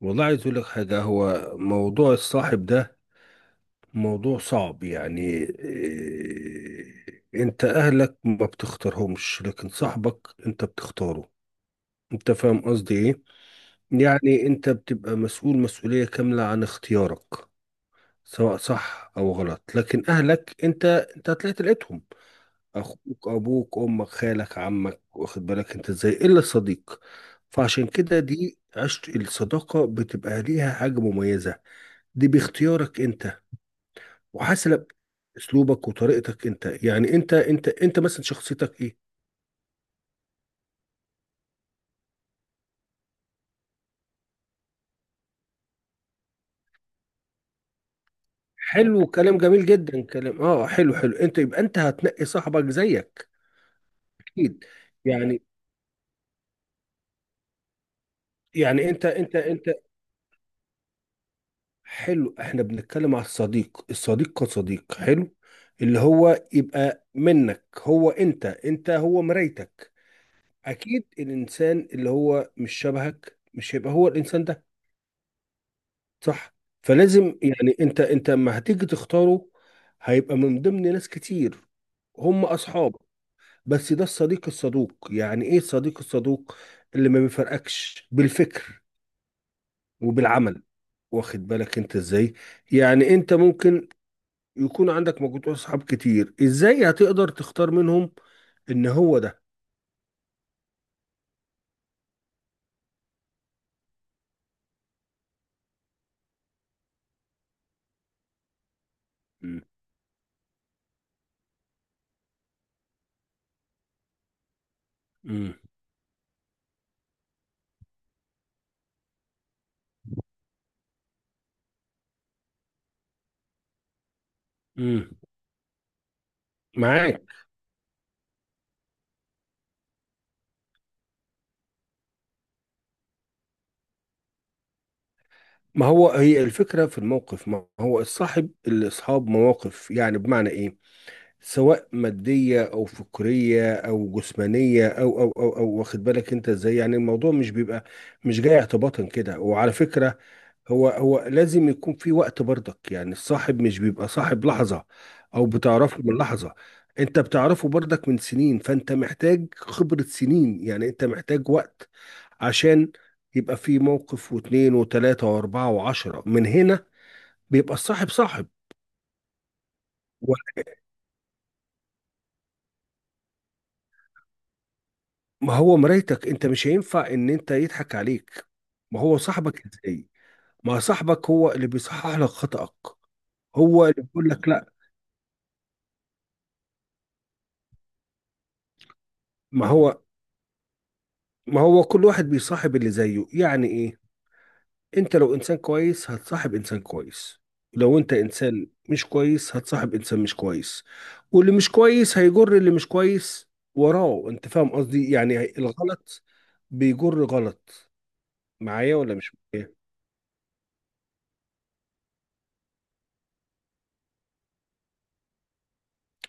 والله عايز اقول لك حاجة. هو موضوع الصاحب ده موضوع صعب. يعني إيه؟ انت اهلك ما بتختارهمش، لكن صاحبك انت بتختاره. انت فاهم قصدي ايه؟ يعني انت بتبقى مسؤول مسؤولية كاملة عن اختيارك، سواء صح او غلط. لكن اهلك انت، انت تلقيتهم: اخوك، ابوك، امك، خالك، عمك، واخد بالك انت ازاي؟ الا الصديق. فعشان كده دي عشت الصداقة بتبقى ليها حاجة مميزة. دي باختيارك انت وحسب اسلوبك وطريقتك انت. يعني انت مثلا شخصيتك ايه؟ حلو، كلام جميل جدا، كلام اه حلو حلو. انت يبقى انت هتنقي صاحبك زيك اكيد. يعني يعني انت. حلو، احنا بنتكلم على الصديق. الصديق كصديق حلو اللي هو يبقى منك، هو انت، انت هو مرايتك. اكيد الانسان اللي هو مش شبهك مش هيبقى هو الانسان ده. صح؟ فلازم، يعني انت لما هتيجي تختاره، هيبقى من ضمن ناس كتير هم اصحاب، بس ده الصديق الصدوق. يعني ايه الصديق الصدوق؟ اللي ما بيفرقكش بالفكر وبالعمل، واخد بالك انت ازاي؟ يعني انت ممكن يكون عندك مجموعة اصحاب كتير، ازاي هتقدر تختار منهم ان هو ده؟ مم. مم. مم. معاك. ما هو هي الفكرة في الموقف. ما هو الصاحب اللي اصحاب مواقف. يعني بمعنى ايه؟ سواء مادية أو فكرية أو جسمانية أو أو واخد بالك أنت إزاي؟ يعني الموضوع مش بيبقى مش جاي اعتباطا كده. وعلى فكرة، هو لازم يكون في وقت برضك. يعني الصاحب مش بيبقى صاحب لحظة أو بتعرفه من لحظة، أنت بتعرفه برضك من سنين. فأنت محتاج خبرة سنين، يعني أنت محتاج وقت عشان يبقى في موقف واثنين وثلاثة وأربعة وعشرة. من هنا بيبقى الصاحب صاحب. ما هو مرايتك انت، مش هينفع ان انت يضحك عليك. ما هو صاحبك ازاي؟ ما صاحبك هو اللي بيصحح لك خطأك، هو اللي بيقول لك لا. ما هو ما هو كل واحد بيصاحب اللي زيه. يعني ايه؟ انت لو انسان كويس هتصاحب انسان كويس، لو انت انسان مش كويس هتصاحب انسان مش كويس. واللي مش كويس هيجر اللي مش كويس وراه. انت فاهم قصدي؟ يعني الغلط بيجر غلط. معايا ولا مش معايا؟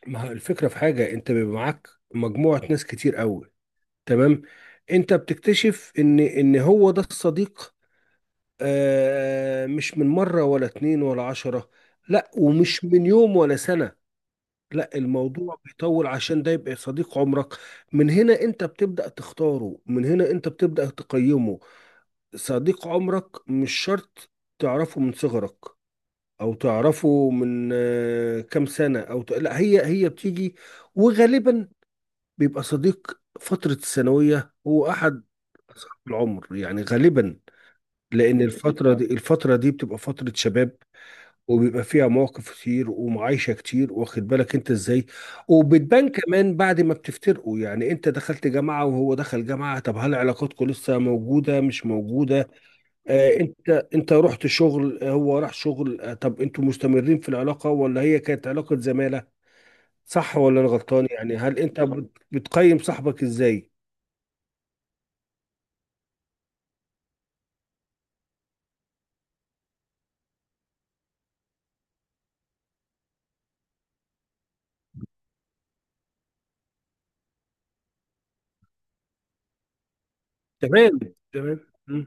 ما هو الفكرة في حاجة، انت بيبقى معاك مجموعة ناس كتير قوي، تمام؟ انت بتكتشف ان هو ده الصديق. آه مش من مرة ولا اتنين ولا عشرة، لا، ومش من يوم ولا سنة، لا، الموضوع بيطول عشان ده يبقى صديق عمرك. من هنا انت بتبدأ تختاره، من هنا انت بتبدأ تقيمه. صديق عمرك مش شرط تعرفه من صغرك او تعرفه من آه كام سنة او لا، هي هي بتيجي. وغالبا بيبقى صديق فترة الثانوية هو أحد أصحاب العمر يعني غالبا. لأن الفترة دي الفترة دي بتبقى فترة شباب، وبيبقى فيها مواقف كتير ومعايشة كتير، واخد بالك أنت إزاي؟ وبتبان كمان بعد ما بتفترقوا. يعني أنت دخلت جامعة وهو دخل جامعة، طب هل علاقاتكم لسه موجودة مش موجودة؟ آه أنت رحت شغل، هو راح شغل، آه طب أنتوا مستمرين في العلاقة ولا هي كانت علاقة زمالة؟ صح ولا أنا غلطان؟ يعني هل أنت بتقيم صاحبك إزاي؟ تمام. تمام. مم.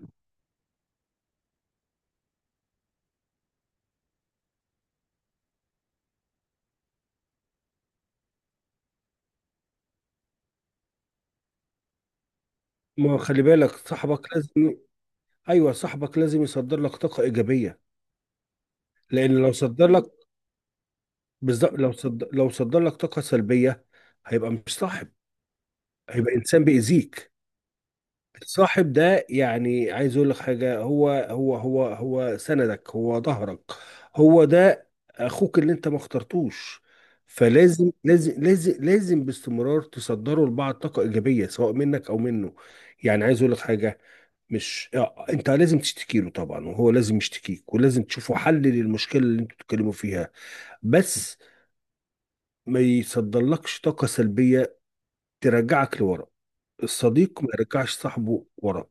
ما خلي بالك صاحبك لازم، ايوه صاحبك لازم يصدر لك طاقه ايجابيه. لان لو صدر لك بالظبط، لو صدر لك طاقه سلبيه هيبقى مش صاحب، هيبقى انسان بيأذيك. الصاحب ده يعني عايز اقول لك حاجه، هو سندك، هو ظهرك، هو ده اخوك اللي انت ما اخترتوش. فلازم لازم باستمرار تصدروا لبعض طاقه ايجابيه سواء منك او منه. يعني عايز اقول لك حاجه، مش انت لازم تشتكي له طبعا، وهو لازم يشتكيك، ولازم تشوفوا حل للمشكله اللي انتوا بتتكلموا فيها. بس ما يصدرلكش طاقه سلبيه ترجعك لورا. الصديق ما يرجعش صاحبه ورا،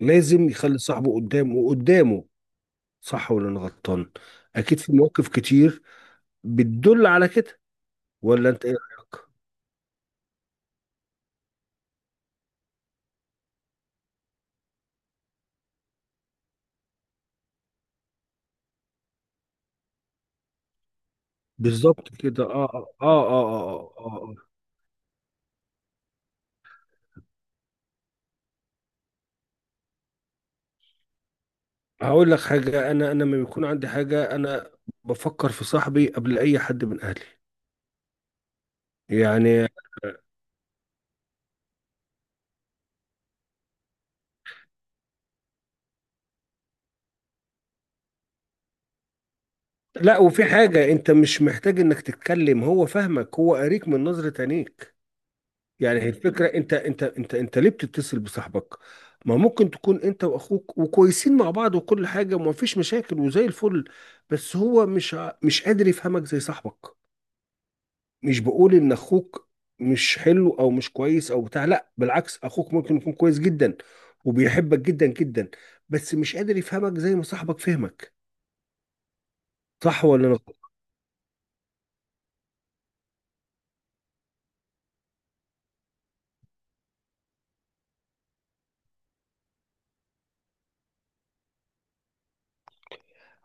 لازم يخلي صاحبه قدامه وقدامه. صح ولا انا غلطان؟ اكيد في مواقف كتير بتدل على كده. ولا انت ايه رايك؟ بالظبط كده، اه, آه. هقول لك حاجه، انا لما بيكون عندي حاجه، انا بفكر في صاحبي قبل اي حد من اهلي. يعني لا، وفي حاجة انت مش محتاج انك تتكلم، هو فاهمك، هو قاريك من نظرة عينيك. يعني هي الفكرة. انت ليه بتتصل بصاحبك؟ ما ممكن تكون انت واخوك وكويسين مع بعض وكل حاجة وما فيش مشاكل وزي الفل، بس هو مش قادر يفهمك زي صاحبك. مش بقول ان اخوك مش حلو او مش كويس او بتاع، لا بالعكس، اخوك ممكن يكون كويس جدا وبيحبك جدا جدا، بس مش قادر يفهمك زي ما صاحبك فهمك. صح ولا لا؟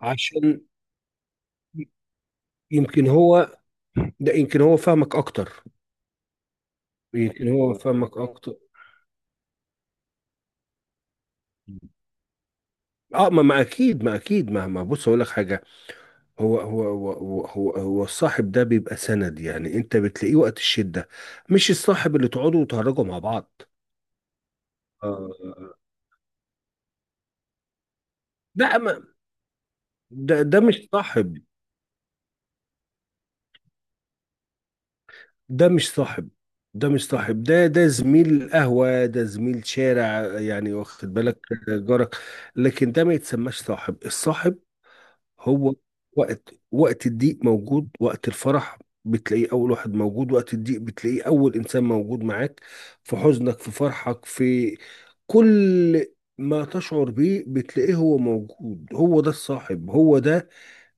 عشان يمكن هو، ده يمكن هو فاهمك اكتر، يمكن هو فاهمك اكتر. اه ما اكيد، ما اكيد، ما بص اقول لك حاجه، هو الصاحب ده بيبقى سند. يعني انت بتلاقيه وقت الشده، مش الصاحب اللي تقعدوا وتهرجوا مع بعض. آه لا، ما ده ده مش صاحب، ده مش صاحب ده زميل قهوه، ده زميل شارع يعني، واخد بالك؟ جارك. لكن ده ما يتسماش صاحب. الصاحب هو وقت الضيق موجود، وقت الفرح بتلاقيه أول واحد موجود، وقت الضيق بتلاقيه أول إنسان موجود معاك، في حزنك، في فرحك، في كل ما تشعر بيه بتلاقيه هو موجود. هو ده الصاحب، هو ده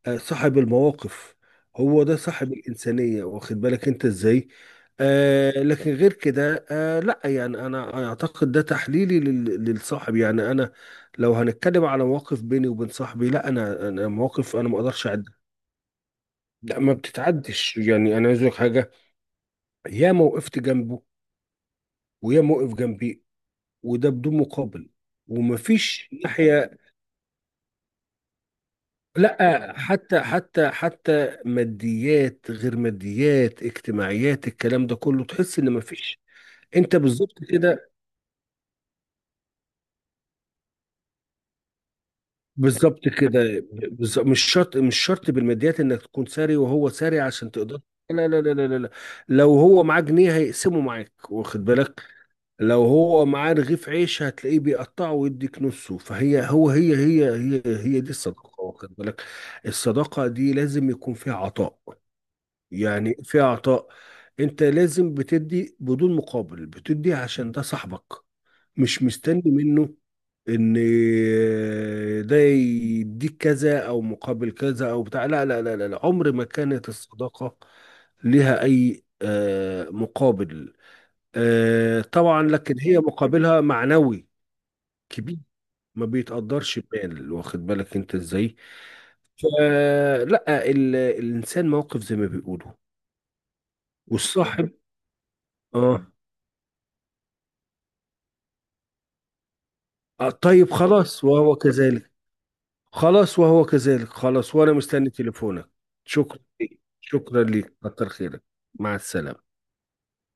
صاحب المواقف، هو ده صاحب الإنسانية، واخد بالك انت ازاي؟ آه لكن غير كده، آه لا، يعني انا اعتقد ده تحليلي للصاحب. يعني انا لو هنتكلم على مواقف بيني وبين صاحبي، لا، انا مواقف انا ما اقدرش اعدها. لا ما بتتعدش. يعني انا عايز أقول لك حاجه، يا ما وقفت جنبه ويا ما وقف جنبي، وده بدون مقابل، ومفيش ناحيه، لا، حتى ماديات، غير ماديات، اجتماعيات، الكلام ده كله تحس ان مفيش. انت بالظبط كده، بالظبط كده، بالظبط. مش شرط مش شرط بالماديات انك تكون ساري وهو ساري عشان تقدر. لا لا لا لا لا لا. لو هو معاه جنيه هيقسمه معاك، واخد بالك؟ لو هو معاه رغيف عيش هتلاقيه بيقطعه ويديك نصه. فهي هو هي دي الصداقة، واخد بالك؟ الصداقة دي لازم يكون فيها عطاء، يعني في اعطاء. انت لازم بتدي بدون مقابل، بتدي عشان ده صاحبك، مش مستني منه ان ده يديك كذا او مقابل كذا او بتاع. لا لا لا لا لا. عمر ما كانت الصداقة لها اي مقابل. آه، طبعا لكن هي مقابلها معنوي كبير، ما بيتقدرش بمال، واخد بالك انت ازاي؟ فلا، الانسان موقف زي ما بيقولوا. والصاحب اه، طيب خلاص وهو كذلك. خلاص وهو كذلك، خلاص وأنا مستني تليفونك. شكرا ليك، شكرا ليك، كتر خيرك. مع السلامة.